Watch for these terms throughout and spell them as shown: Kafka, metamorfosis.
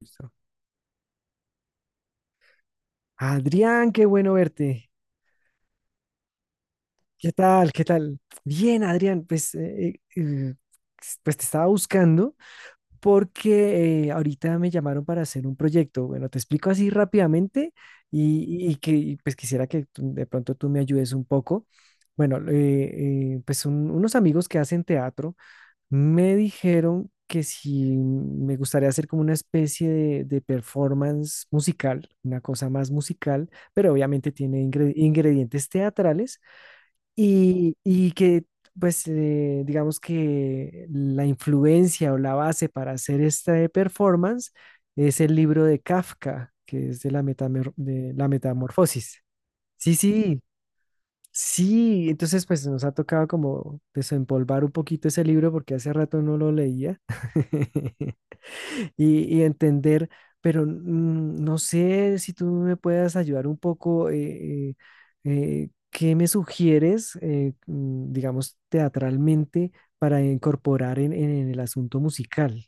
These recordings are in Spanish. Listo. Adrián, qué bueno verte. ¿Qué tal? ¿Qué tal? Bien, Adrián, pues, pues te estaba buscando porque ahorita me llamaron para hacer un proyecto. Bueno, te explico así rápidamente y pues quisiera que de pronto tú me ayudes un poco. Bueno, pues son unos amigos que hacen teatro. Me dijeron que si me gustaría hacer como una especie de performance musical, una cosa más musical, pero obviamente tiene ingredientes teatrales y que pues digamos que la influencia o la base para hacer esta performance es el libro de Kafka, que es de de la metamorfosis. Sí, sí. Sí, entonces pues nos ha tocado como desempolvar un poquito ese libro porque hace rato no lo leía y entender, pero no sé si tú me puedas ayudar un poco, ¿qué me sugieres, digamos, teatralmente para incorporar en, en el asunto musical?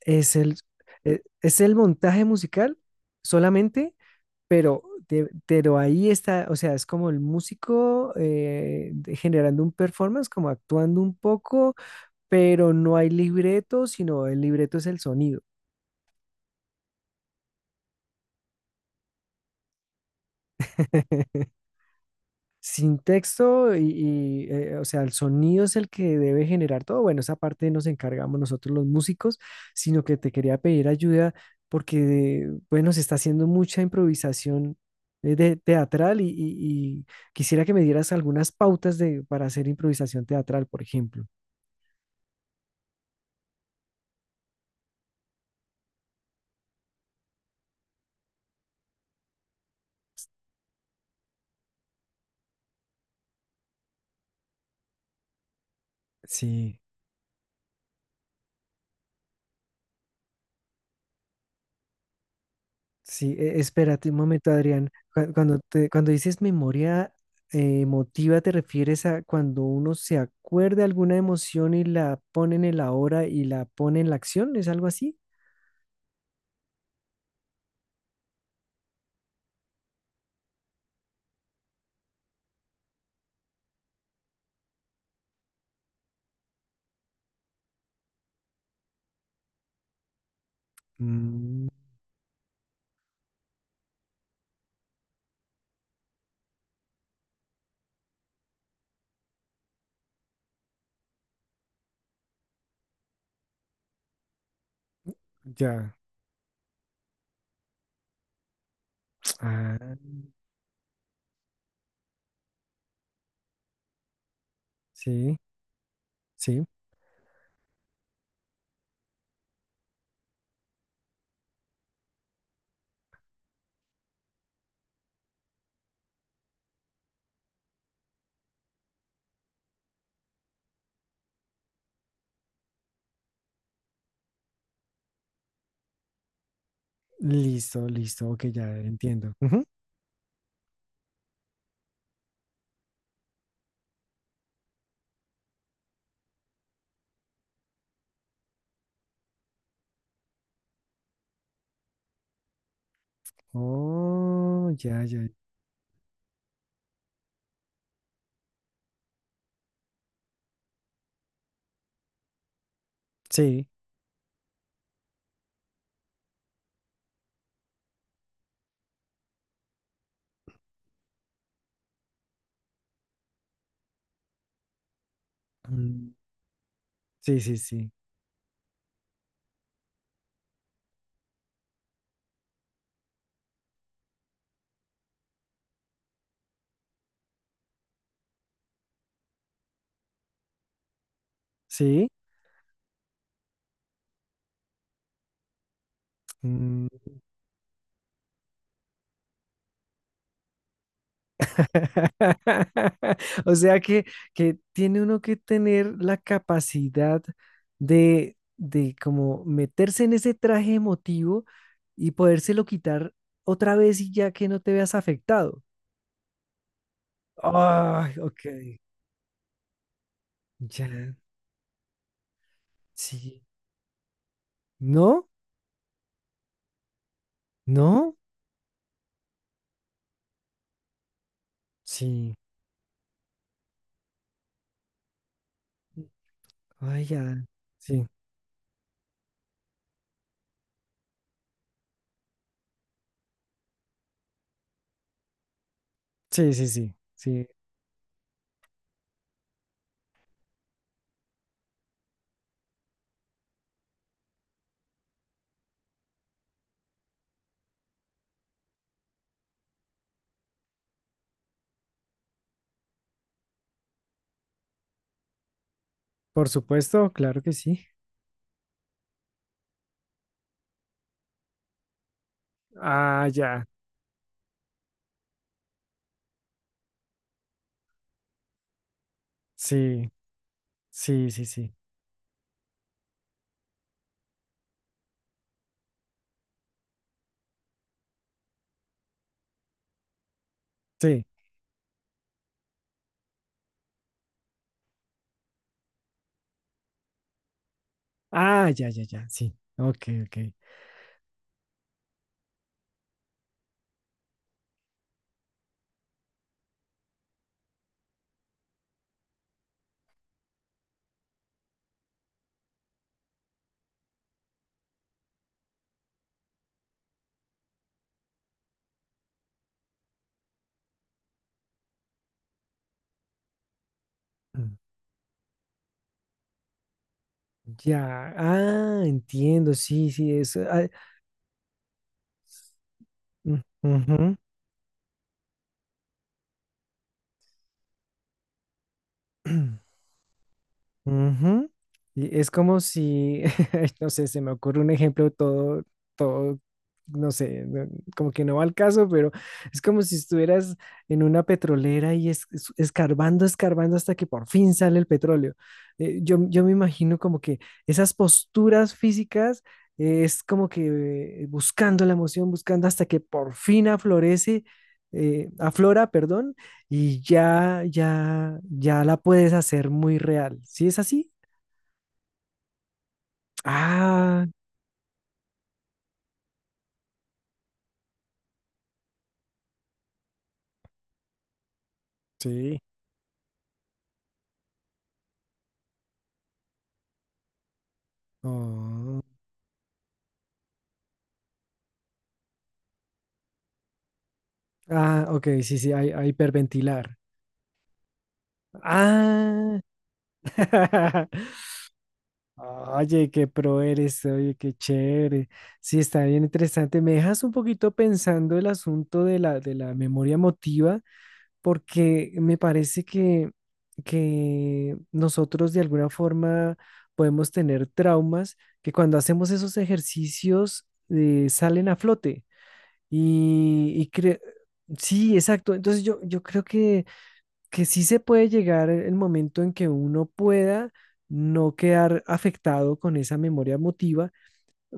¿Es es el montaje musical solamente? Pero, pero ahí está, o sea, es como el músico generando un performance, como actuando un poco, pero no hay libreto, sino el libreto es el sonido. Sin texto y, o sea, el sonido es el que debe generar todo. Bueno, esa parte nos encargamos nosotros los músicos, sino que te quería pedir ayuda porque, bueno, se está haciendo mucha improvisación teatral y quisiera que me dieras algunas pautas de, para hacer improvisación teatral, por ejemplo. Sí. Sí, espérate un momento, Adrián. Cuando cuando dices memoria emotiva, ¿te refieres a cuando uno se acuerda alguna emoción y la pone en el ahora y la pone en la acción? ¿Es algo así? Mm, ya. Ah, sí, sí. Listo, listo. Ok, ya entiendo. Ujú. Oh, ya, ya. Sí. Mm, sí, sí, sí. Sí. O sea que tiene uno que tener la capacidad de como meterse en ese traje emotivo y podérselo quitar otra vez y ya que no te veas afectado. Ay, ok. Ya, sí. ¿No? ¿No? Sí. Ay, ya. Sí. Sí, sí, sí. Sí. Por supuesto, claro que sí. Ah, ya. Sí, sí, sí, sí. Sí. Ah, ya, ya, ya, sí. Ok, ok. Mm, ya, ah, entiendo, sí, sí, eso. Ah, mm, ujú. Ujú. Y es como si, no sé, se me ocurre un ejemplo todo, todo, no sé, como que no va al caso, pero es como si estuvieras en una petrolera y es, escarbando, escarbando hasta que por fin sale el petróleo. Yo yo me imagino como que esas posturas físicas es como que buscando la emoción, buscando hasta que por fin aflorece, aflora, perdón, y ya, ya, ya la puedes hacer muy real. ¿Sí es así? Ah, Sí. Oh, ah, ok, sí, sí, hay hiperventilar. Ah, oye, qué pro eres, oye, qué chévere. Sí, está bien interesante. Me dejas un poquito pensando el asunto de la memoria emotiva, porque me parece que nosotros de alguna forma podemos tener traumas que cuando hacemos esos ejercicios salen a flote. Y, sí, exacto. Entonces yo creo que sí se puede llegar el momento en que uno pueda no quedar afectado con esa memoria emotiva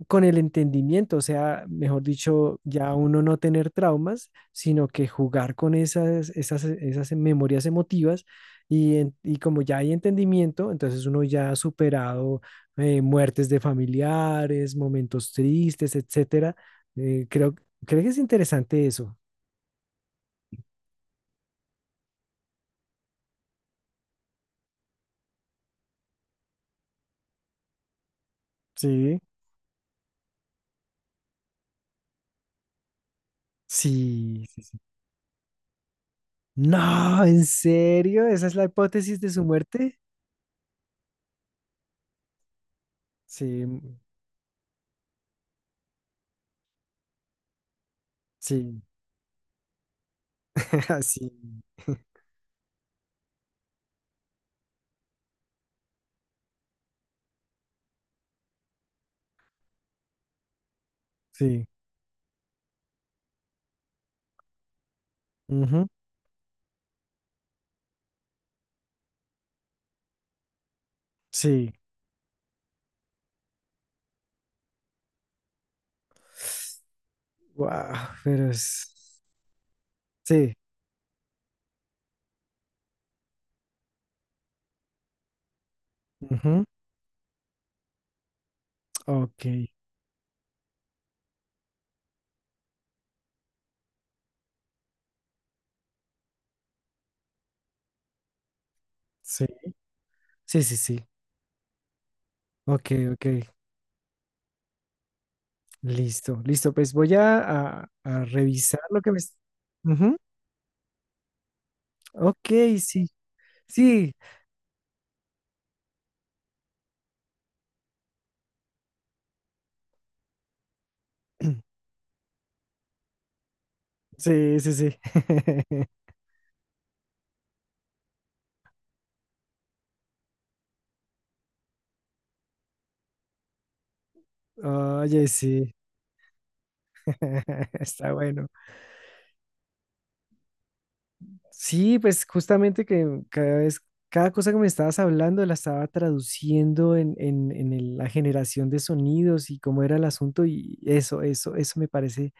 con el entendimiento, o sea, mejor dicho, ya uno no tener traumas, sino que jugar con esas, esas, esas memorias emotivas y, y como ya hay entendimiento, entonces uno ya ha superado muertes de familiares, momentos tristes, etcétera. Eh, creo, creo que es interesante eso. Sí, sí, sí, sí. No, ¿en serio? ¿Esa es la hipótesis de su muerte? Sí, sí, sí, sí. Ujú, sí. Wow, pero es... Sí, ujú, ok, sí, sí, sí, sí, ok, ok, listo, listo, pues voy a, a revisar lo que me... ujú, ok, sí, sí, sí, sí, sí. Oye, sí, está bueno. Sí, pues justamente que cada vez, cada cosa que me estabas hablando la estaba traduciendo en la generación de sonidos y cómo era el asunto y eso me parece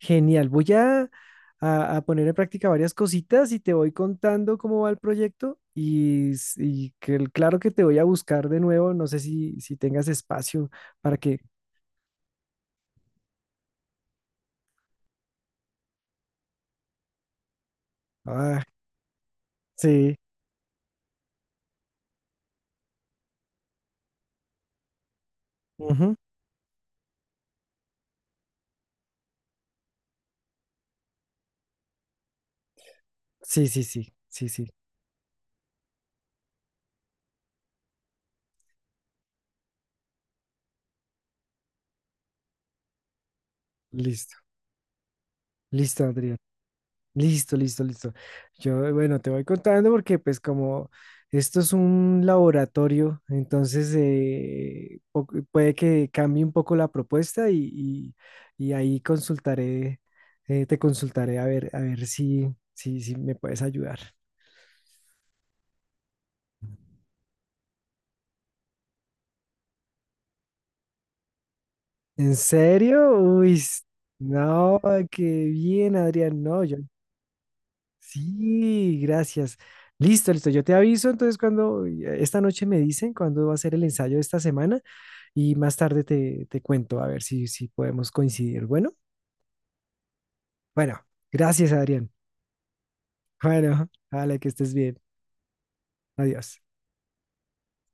genial. Voy a, a poner en práctica varias cositas y te voy contando cómo va el proyecto y claro que te voy a buscar de nuevo, no sé si, si tengas espacio para que... Ah, sí, ujú, sí, sí, sí, sí, sí, listo, listo, Adrián. Listo, listo, listo. Yo, bueno, te voy contando porque pues como esto es un laboratorio, entonces puede que cambie un poco la propuesta y ahí consultaré, te consultaré a ver si, si, si me puedes ayudar. ¿En serio? Uy, no, qué bien, Adrián. No, yo sí, gracias. Listo, listo. Yo te aviso entonces cuando esta noche me dicen cuándo va a ser el ensayo de esta semana y más tarde te, te cuento a ver si, si podemos coincidir. Bueno, bueno, gracias, Adrián. Bueno, vale, que estés bien. Adiós.